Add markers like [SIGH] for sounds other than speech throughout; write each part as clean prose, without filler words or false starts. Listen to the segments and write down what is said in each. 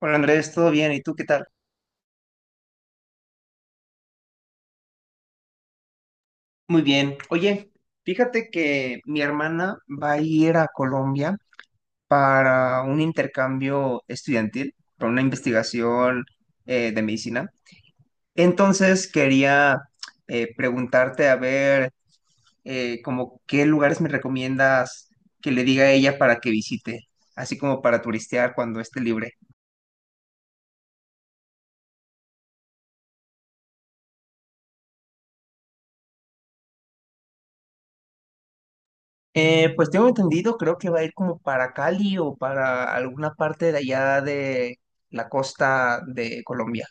Hola Andrés, ¿todo bien? ¿Y tú qué tal? Muy bien. Oye, fíjate que mi hermana va a ir a Colombia para un intercambio estudiantil, para una investigación de medicina. Entonces quería preguntarte a ver, como qué lugares me recomiendas que le diga a ella para que visite, así como para turistear cuando esté libre. Pues tengo entendido, creo que va a ir como para Cali o para alguna parte de allá de la costa de Colombia.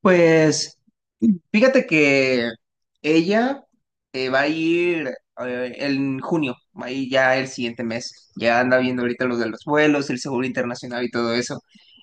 Pues fíjate que ella, va a ir en junio, va a ir ya el siguiente mes. Ya anda viendo ahorita los de los vuelos, el seguro internacional y todo eso.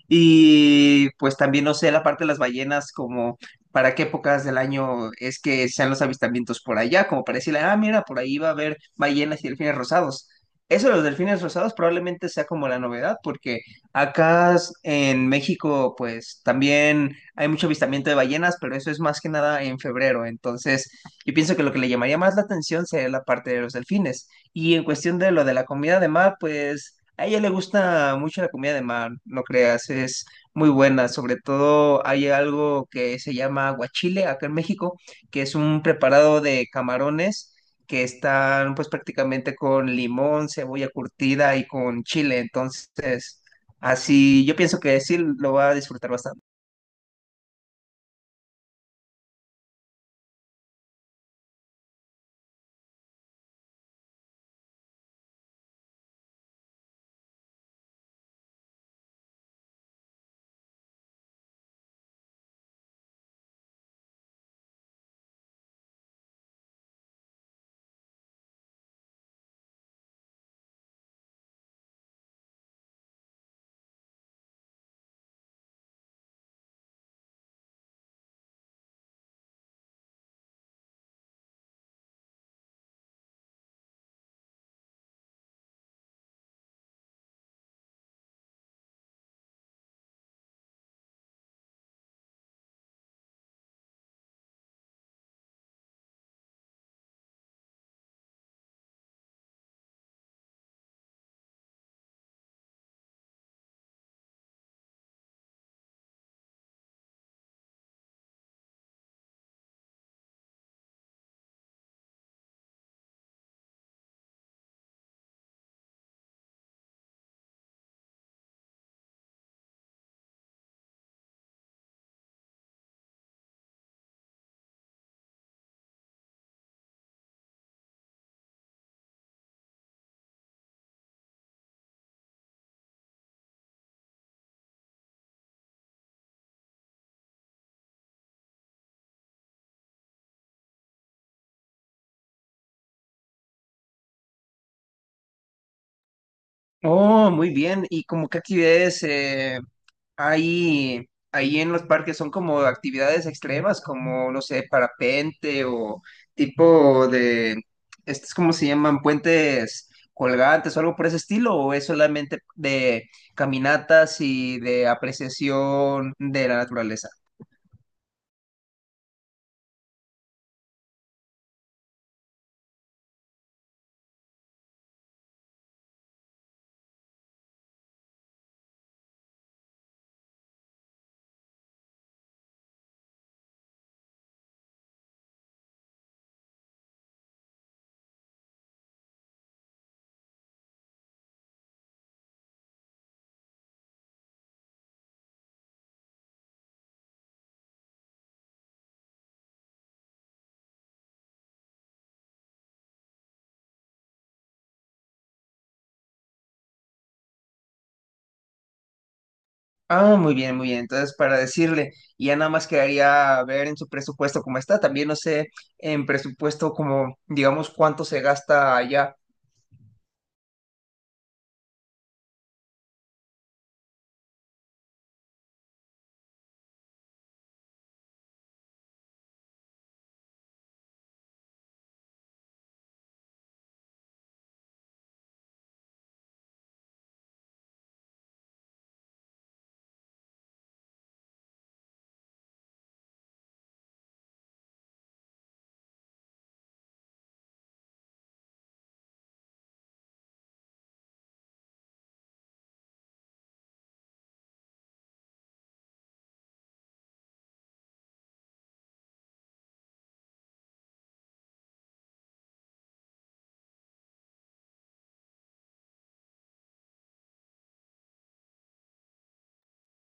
Y pues también no sé la parte de las ballenas, como para qué épocas del año es que sean los avistamientos por allá, como para decirle, ah, mira, por ahí va a haber ballenas y delfines rosados. Eso de los delfines rosados probablemente sea como la novedad, porque acá en México, pues también hay mucho avistamiento de ballenas, pero eso es más que nada en febrero. Entonces, yo pienso que lo que le llamaría más la atención sería la parte de los delfines. Y en cuestión de lo de la comida de mar, pues a ella le gusta mucho la comida de mar, no creas, es muy buena. Sobre todo hay algo que se llama aguachile acá en México, que es un preparado de camarones que están pues prácticamente con limón, cebolla curtida y con chile. Entonces, así yo pienso que sí lo va a disfrutar bastante. Oh, muy bien. ¿Y como qué actividades? Ahí en los parques son como actividades extremas, como, no sé, ¿parapente o tipo de, estos como se llaman? ¿Puentes colgantes o algo por ese estilo, o es solamente de caminatas y de apreciación de la naturaleza? Ah, muy bien, muy bien. Entonces, para decirle, y ya nada más quedaría ver en su presupuesto cómo está. También no sé, en presupuesto como, digamos, cuánto se gasta allá.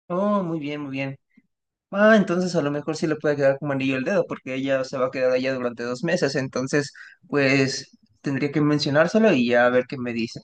Oh, muy bien, muy bien. Ah, entonces a lo mejor sí le puede quedar como anillo el dedo, porque ella se va a quedar allá durante 2 meses, entonces pues tendría que mencionárselo y ya a ver qué me dice.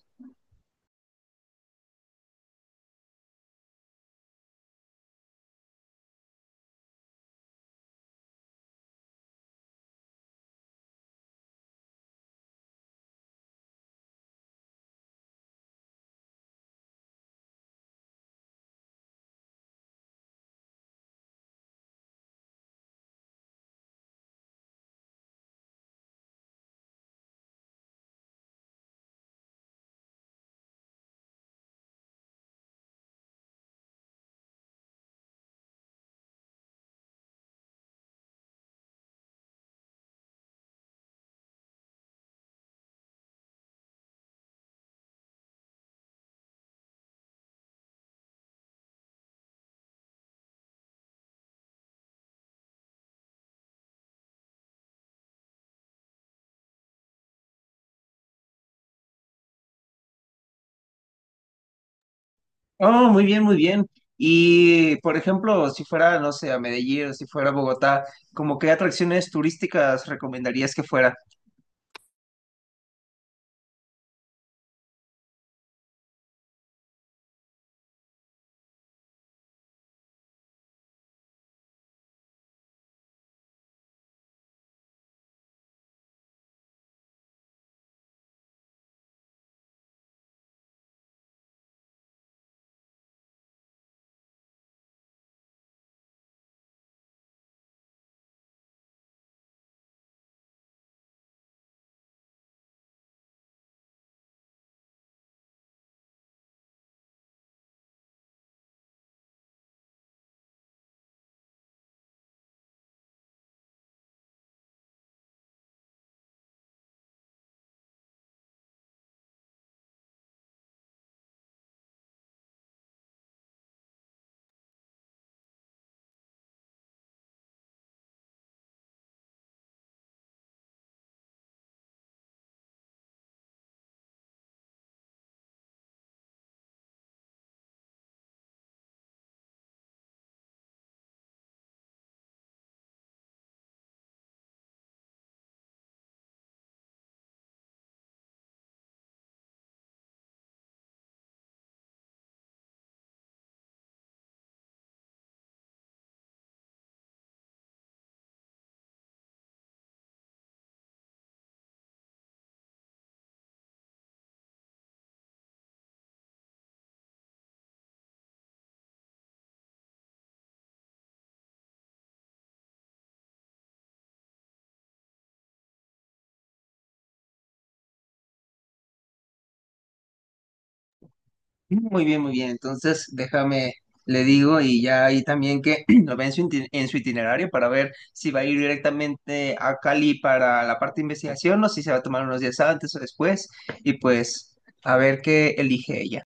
Oh, muy bien, muy bien. Y por ejemplo, si fuera, no sé, a Medellín o si fuera a Bogotá, ¿como qué atracciones turísticas recomendarías que fuera? Muy bien, muy bien. Entonces, déjame, le digo, y ya ahí también que [CLEARS THROAT] lo ve en su, en su itinerario para ver si va a ir directamente a Cali para la parte de investigación o si se va a tomar unos días antes o después, y pues a ver qué elige ella.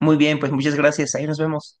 Muy bien, pues muchas gracias. Ahí nos vemos.